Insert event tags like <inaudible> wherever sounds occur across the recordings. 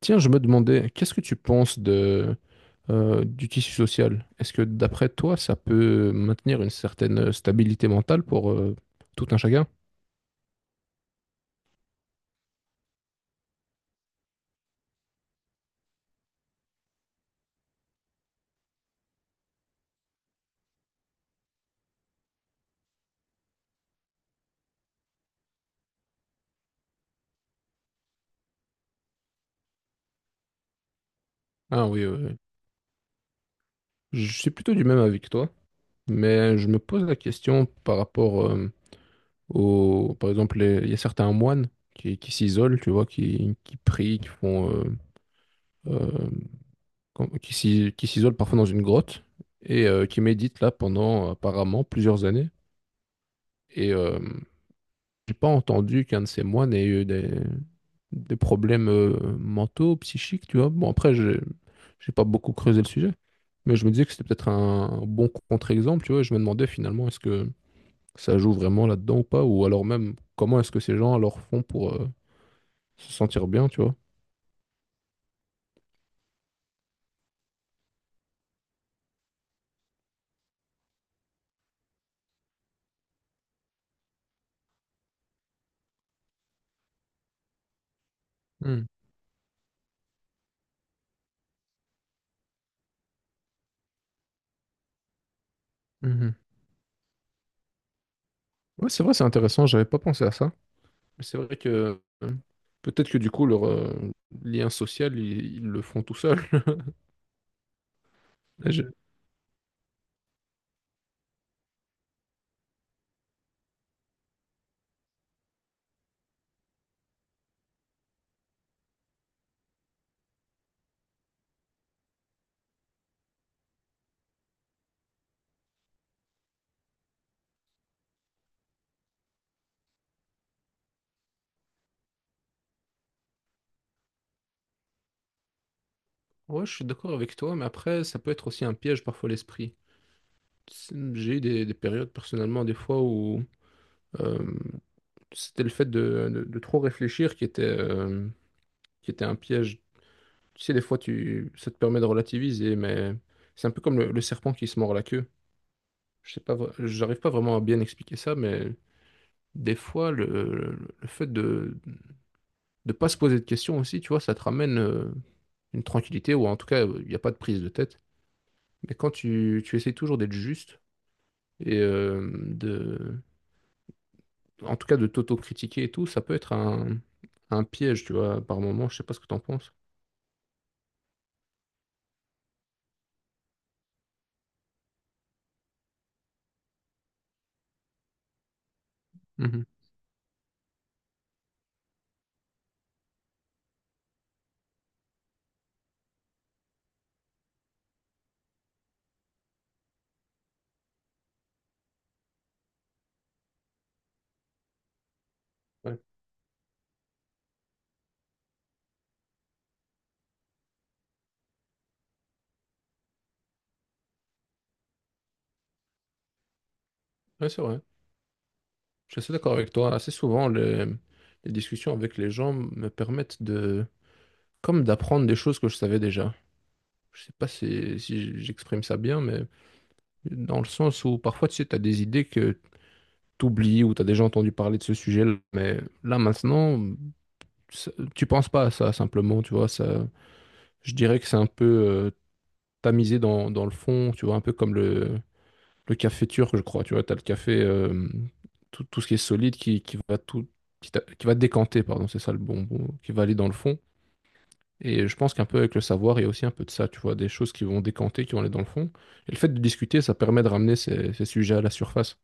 Tiens, je me demandais, qu'est-ce que tu penses du tissu social? Est-ce que d'après toi, ça peut maintenir une certaine stabilité mentale pour tout un chacun? Ah oui, oui, oui. Je suis plutôt du même avec toi, mais je me pose la question par rapport par exemple, il y a certains moines qui s'isolent, tu vois, qui prient, qui font, euh, qui s'isolent parfois dans une grotte et qui méditent là pendant apparemment plusieurs années. Et j'ai pas entendu qu'un de ces moines ait eu des, problèmes mentaux, psychiques, tu vois. Bon, après, j'ai pas beaucoup creusé le sujet, mais je me disais que c'était peut-être un bon contre-exemple, tu vois. Et je me demandais finalement, est-ce que ça joue vraiment là-dedans ou pas, ou alors même, comment est-ce que ces gens alors font pour se sentir bien, tu vois. Hmm, mhm. Ouais, c'est vrai, c'est intéressant, j'avais pas pensé à ça. Mais c'est vrai que peut-être que du coup, leur lien social, ils le font tout seuls. <laughs> Je- Ouais, je suis d'accord avec toi, mais après, ça peut être aussi un piège parfois l'esprit. J'ai eu des, périodes personnellement, des fois où euh, c'était le fait de trop réfléchir qui était, un piège. Tu sais, des fois, ça te permet de relativiser, mais c'est un peu comme le serpent qui se mord la queue. Je sais pas, j'arrive pas vraiment à bien expliquer ça, mais des fois, le fait de ne pas se poser de questions aussi, tu vois, ça te ramène une tranquillité, ou en tout cas, il n'y a pas de prise de tête. Mais quand tu essaies toujours d'être juste, et en tout cas de t'auto-critiquer et tout, ça peut être un piège, tu vois, par moment. Je sais pas ce que t'en penses. Mhm. Ouais, ouais, c'est vrai. Je suis assez d'accord avec toi. Assez souvent, les discussions avec les gens me permettent comme d'apprendre des choses que je savais déjà. Je sais pas si j'exprime ça bien, mais dans le sens où parfois, tu sais, t'as des idées que t'oublies ou t'as déjà entendu parler de ce sujet-là, mais là maintenant, tu penses pas à ça simplement, tu vois, ça, je dirais que c'est un peu tamisé dans le fond, tu vois, un peu comme le café turc, je crois, tu vois, tu as le café, tout, ce qui est solide qui va tout, qui, t'a- qui va décanter, pardon, c'est ça le bon mot, qui va aller dans le fond. Et je pense qu'un peu avec le savoir, il y a aussi un peu de ça, tu vois, des choses qui vont décanter, qui vont aller dans le fond. Et le fait de discuter, ça permet de ramener ces sujets à la surface.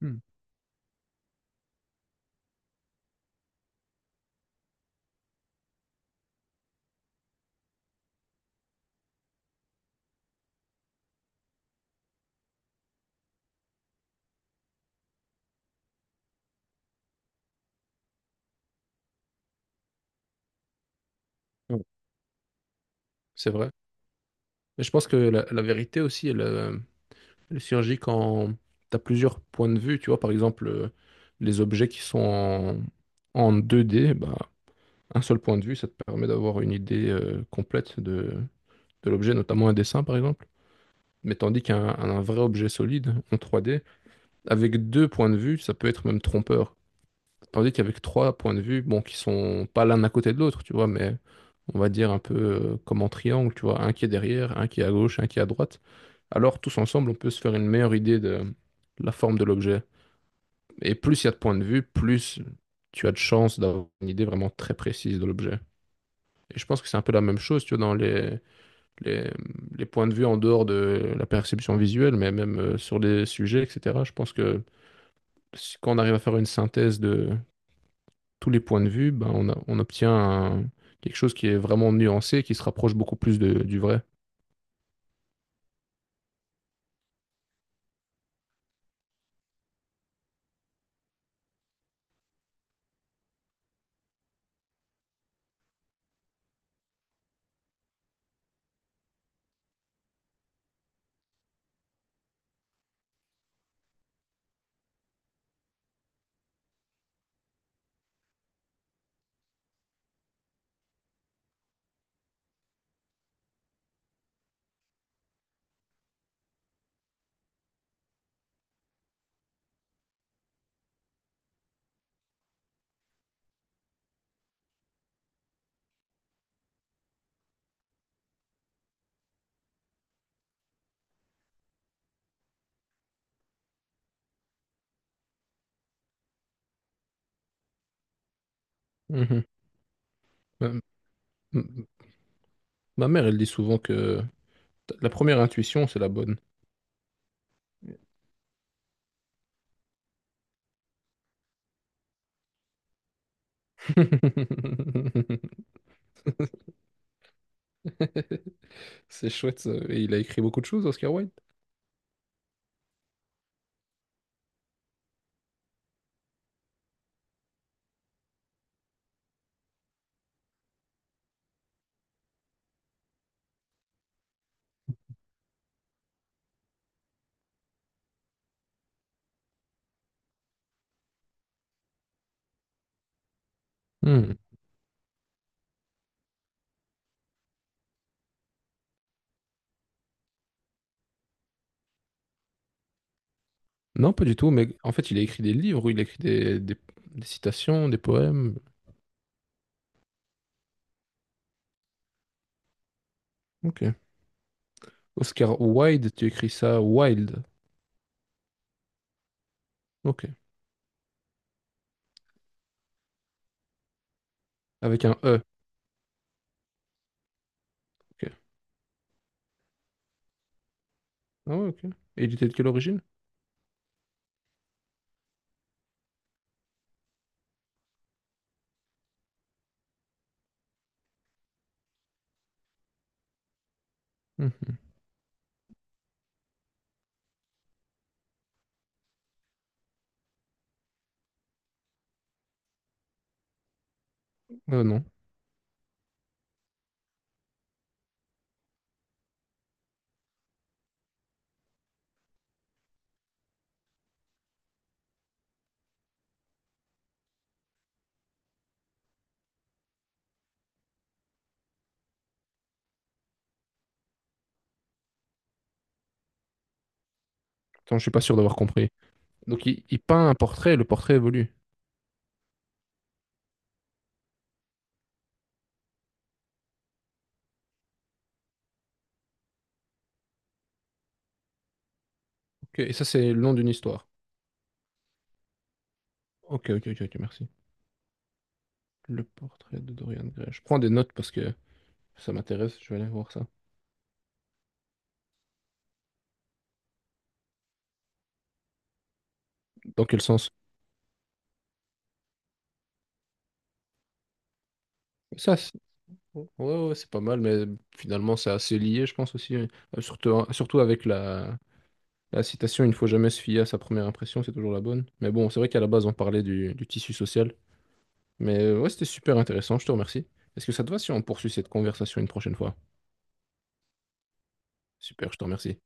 Hmm. Ouais. C'est vrai. Mais je pense que la vérité aussi, elle surgit quand tu as plusieurs points de vue, tu vois, par exemple, les objets qui sont en, 2D, bah, un seul point de vue, ça te permet d'avoir une idée complète de l'objet, notamment un dessin par exemple. Mais tandis qu'un un vrai objet solide en 3D, avec deux points de vue, ça peut être même trompeur. Tandis qu'avec trois points de vue, bon, qui sont pas l'un à côté de l'autre, tu vois, mais on va dire un peu comme en triangle, tu vois, un qui est derrière, un qui est à gauche, un qui est à droite. Alors tous ensemble, on peut se faire une meilleure idée de la forme de l'objet. Et plus il y a de points de vue, plus tu as de chances d'avoir une idée vraiment très précise de l'objet. Et je pense que c'est un peu la même chose, tu vois, dans les, les points de vue en dehors de la perception visuelle, mais même sur les sujets, etc. Je pense que quand on arrive à faire une synthèse de tous les points de vue, ben, on obtient quelque chose qui est vraiment nuancé, qui se rapproche beaucoup plus du vrai. Mhm. Ma, m- ma mère, elle dit souvent que la première intuition, c'est la bonne. <laughs> C'est chouette, ça. Et il a écrit beaucoup de choses, Oscar Wilde. Non, pas du tout, mais en fait, il a écrit des livres, il a écrit des, des citations, des poèmes. Ok. Oscar Wilde, tu écris ça Wilde. Ok. Avec un E. Ok. Ah ouais, ok. Et il était de quelle origine? Mhm. Ah non. Attends, je suis pas sûr d'avoir compris. Donc, il peint un portrait, le portrait évolue. Ok. Et ça, c'est le long d'une histoire. Ok, ok, ok, ok, merci. Le portrait de Dorian Gray. Je prends des notes parce que ça m'intéresse, je vais aller voir ça. Dans quel sens? Ça, Ouais, ouais, ouais, c'est pas mal, mais finalement, c'est assez lié, je pense aussi. Hein. Surtout, surtout avec la citation, il ne faut jamais se fier à sa première impression, c'est toujours la bonne. Mais bon, c'est vrai qu'à la base, on parlait du tissu social. Mais ouais, c'était super intéressant, je te remercie. Est-ce que ça te va si on poursuit cette conversation une prochaine fois? Super, je te remercie.